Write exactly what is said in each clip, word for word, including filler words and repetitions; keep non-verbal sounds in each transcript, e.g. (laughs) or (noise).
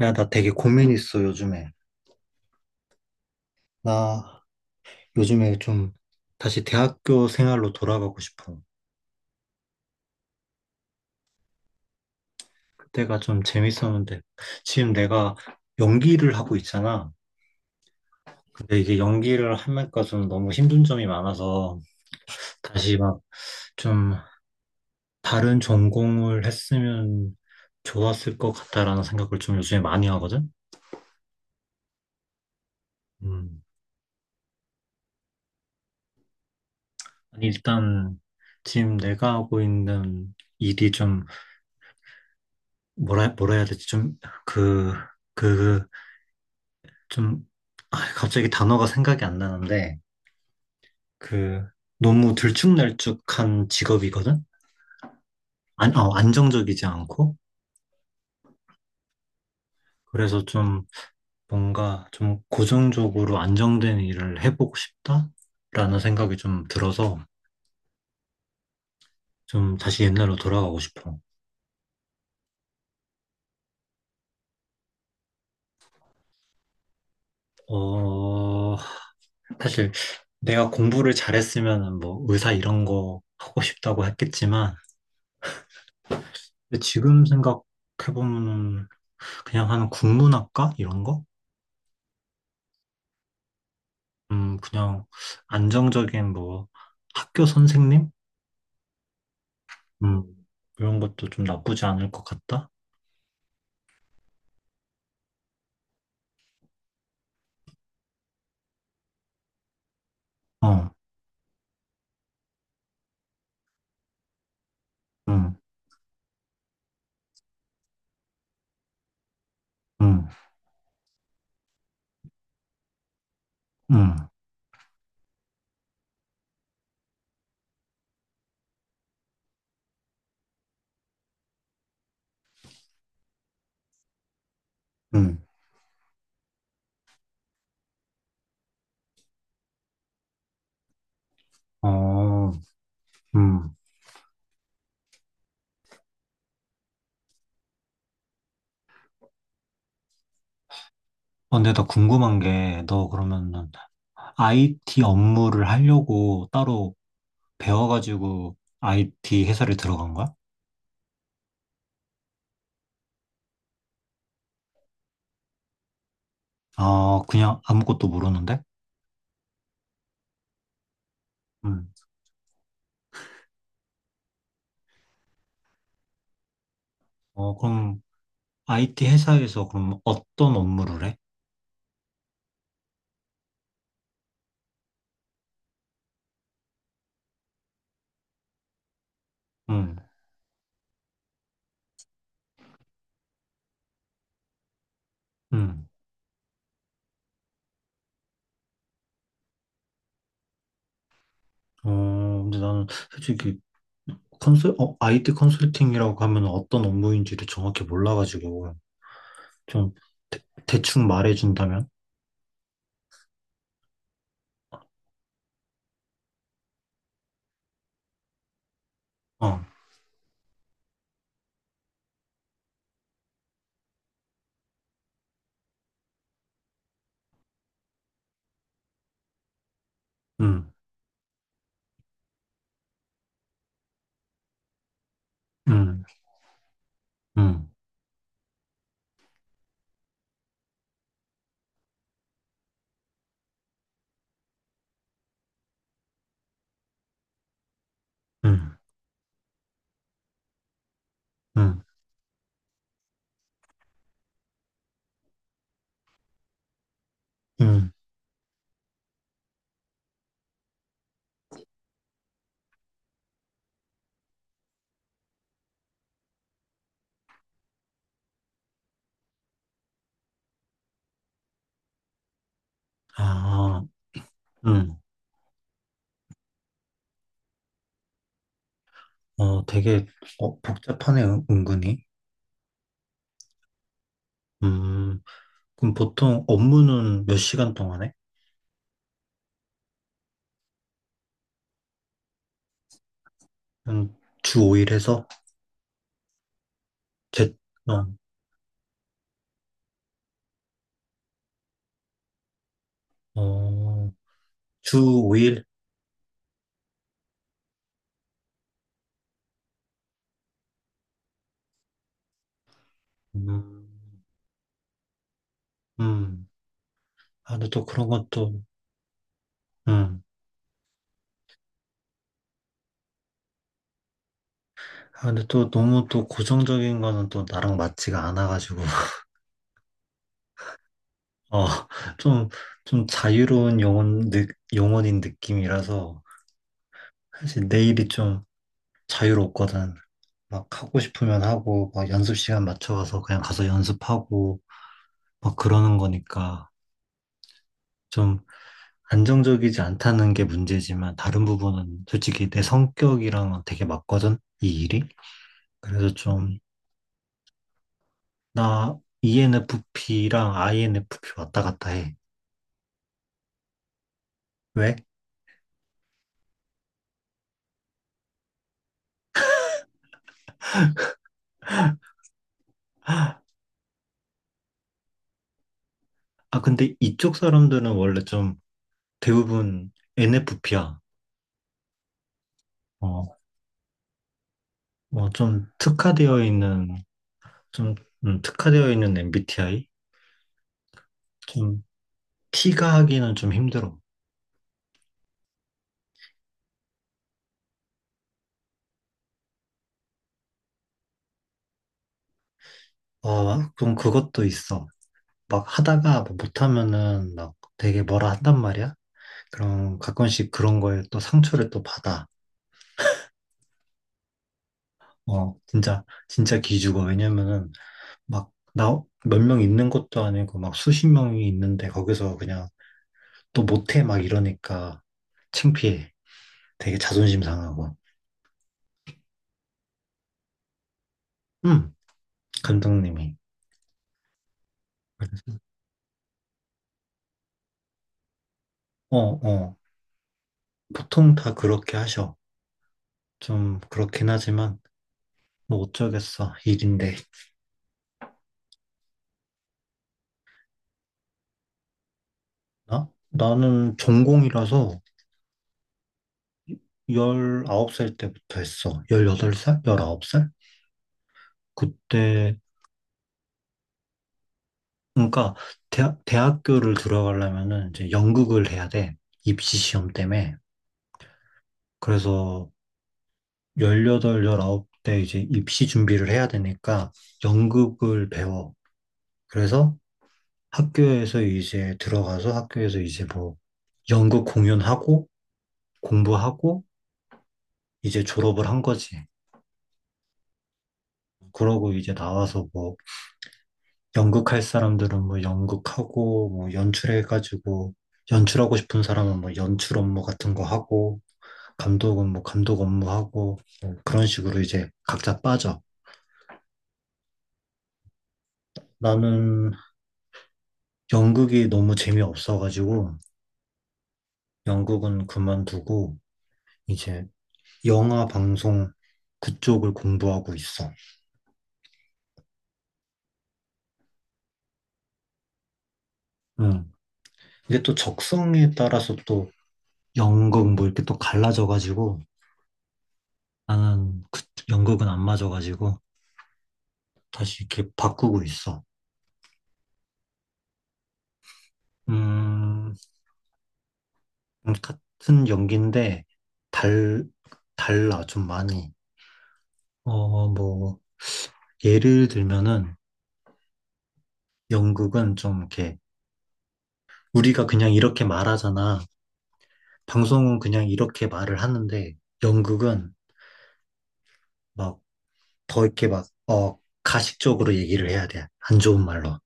야, 나 되게 고민 있어, 요즘에. 나 요즘에 좀 다시 대학교 생활로 돌아가고 싶어. 그때가 좀 재밌었는데. 지금 내가 연기를 하고 있잖아. 근데 이게 연기를 하면까 좀 너무 힘든 점이 많아서 다시 막 좀 다른 전공을 했으면 좋았을 것 같다라는 생각을 좀 요즘에 많이 하거든? 음. 아니, 일단 지금 내가 하고 있는 일이 좀 뭐라, 뭐라 해야 되지? 좀 그, 그, 좀, 아, 갑자기 단어가 생각이 안 나는데, 그, 너무 들쭉날쭉한 직업이거든? 안, 어, 안정적이지 않고. 그래서 좀, 뭔가 좀 고정적으로 안정된 일을 해보고 싶다라는 생각이 좀 들어서, 좀 다시 옛날로 돌아가고 싶어. 어, 사실 내가 공부를 잘했으면 뭐 의사 이런 거 하고 싶다고 했겠지만, 근데 지금 생각해보면 그냥 한 국문학과? 이런 거? 음, 그냥 안정적인 뭐 학교 선생님? 음, 이런 것도 좀 나쁘지 않을 것 같다. 어, 음, 음, 음, 음, 어, 음. 어, 근데 나 궁금한 게, 너 그러면은 아이티 업무를 하려고 따로 배워가지고 아이티 회사를 들어간 거야? 아, 그냥 아무것도 모르는데? 음. 어, 그럼 아이티 회사에서 그럼 어떤 업무를 해? 음, 음. 어, 근데 나는 솔직히 컨설, 어, 아이티 컨설팅이라고 하면 어떤 업무인지를 정확히 몰라가지고, 좀, 대, 대충 말해준다면? 어, 음, 음, 음, 음, 음, 음, 아, 음, 어, 되게, 어, 복잡하네, 은- 은근히. 음, 그럼 보통 업무는 몇 시간 동안 해? 음, 주 오 일 해서? 제, 어, 어, 주 오 일? 음, 음, 아, 근데 또 그런 것도, 음. 아, 근데 또 너무 또 고정적인 거는 또 나랑 맞지가 않아가지고, (laughs) 어, 좀, 좀 자유로운 영혼, 느, 영혼인 느낌이라서, 사실 내일이 좀 자유롭거든. 막 하고 싶으면 하고, 막 연습 시간 맞춰가서 그냥 가서 연습하고, 막 그러는 거니까, 좀 안정적이지 않다는 게 문제지만, 다른 부분은 솔직히 내 성격이랑은 되게 맞거든, 이 일이. 그래서 좀, 나 이엔에프피랑 아이엔에프피 왔다 갔다 해. 왜? 아, 근데 이쪽 사람들은 원래 좀 대부분 엔에프피야. 어, 뭐 좀 특화되어 있는, 좀, 음, 특화되어 있는 엠비티아이? 좀 T가 하기는 좀 힘들어. 어, 좀 그것도 있어. 막 하다가 뭐 못하면은 막 되게 뭐라 한단 말이야? 그럼 가끔씩 그런 거에 또 상처를 또 받아. 어, 진짜, 진짜 기죽어. 왜냐면은 막 나 몇 명 있는 것도 아니고 막 수십 명이 있는데 거기서 그냥 또 못해 막 이러니까 창피해. 되게 자존심 상하고. 음, 감독님이. 어, 어. 보통 다 그렇게 하셔. 좀 그렇긴 하지만 뭐 어쩌겠어. 일인데. 나? 나는 전공이라서 열아홉 살 때부터 했어. 열여덟 살? 열아홉 살? 그때 그러니까 대학, 대학교를 들어가려면은 이제 연극을 해야 돼. 입시 시험 때문에. 그래서 열여덟, 열 아홉 때 이제 입시 준비를 해야 되니까 연극을 배워. 그래서 학교에서 이제 들어가서 학교에서 이제 뭐 연극 공연하고 공부하고 이제 졸업을 한 거지. 그러고 이제 나와서 뭐 연극할 사람들은 뭐 연극하고 뭐 연출해가지고 연출하고 싶은 사람은 뭐 연출 업무 같은 거 하고 감독은 뭐 감독 업무하고 뭐 그런 식으로 이제 각자 빠져. 나는 연극이 너무 재미없어가지고 연극은 그만두고 이제 영화 방송 그쪽을 공부하고 있어. 응. 이게 또 적성에 따라서 또 연극 뭐 이렇게 또 갈라져가지고 나는 그 연극은 안 맞아가지고 다시 이렇게 바꾸고 있어. 음, 같은 연기인데 달, 달라 좀 많이. 어, 뭐 예를 들면은 연극은 좀 이렇게 우리가 그냥 이렇게 말하잖아. 방송은 그냥 이렇게 말을 하는데 연극은 막 더 이렇게 막, 어, 가식적으로 얘기를 해야 돼. 안 좋은 말로.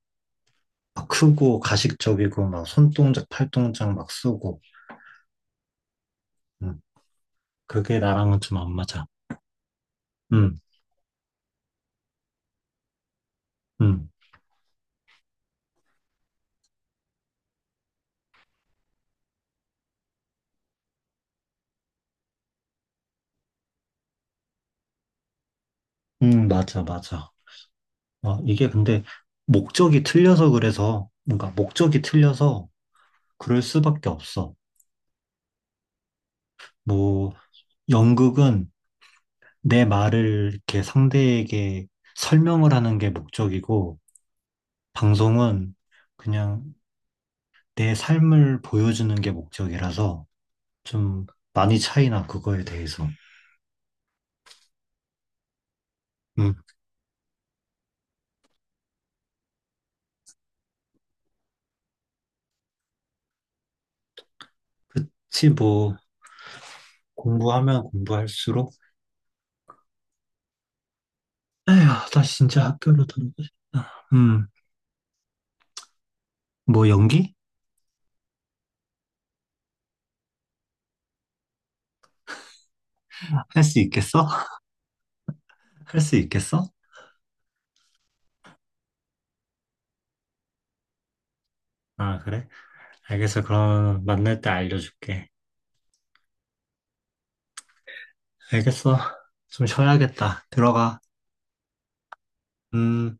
막 크고 가식적이고 막 손동작, 팔동작 막 쓰고. 음, 그게 나랑은 좀 안 맞아. 음, 음, 음, 맞아, 맞아. 어, 이게 근데 목적이 틀려서 그래서, 뭔가 목적이 틀려서 그럴 수밖에 없어. 뭐, 연극은 내 말을 이렇게 상대에게 설명을 하는 게 목적이고, 방송은 그냥 내 삶을 보여주는 게 목적이라서 좀 많이 차이나 그거에 대해서. 음, 그치, 뭐, 공부하면 공부할수록, 에휴, 나 진짜 학교로 돌아가고 싶다. 음, 뭐, 연기? 할 수 있겠어? (laughs) 할 수 있겠어? 아, 그래? 알겠어. 그럼 만날 때 알려줄게. 알겠어. 좀 쉬어야겠다. 들어가. 음.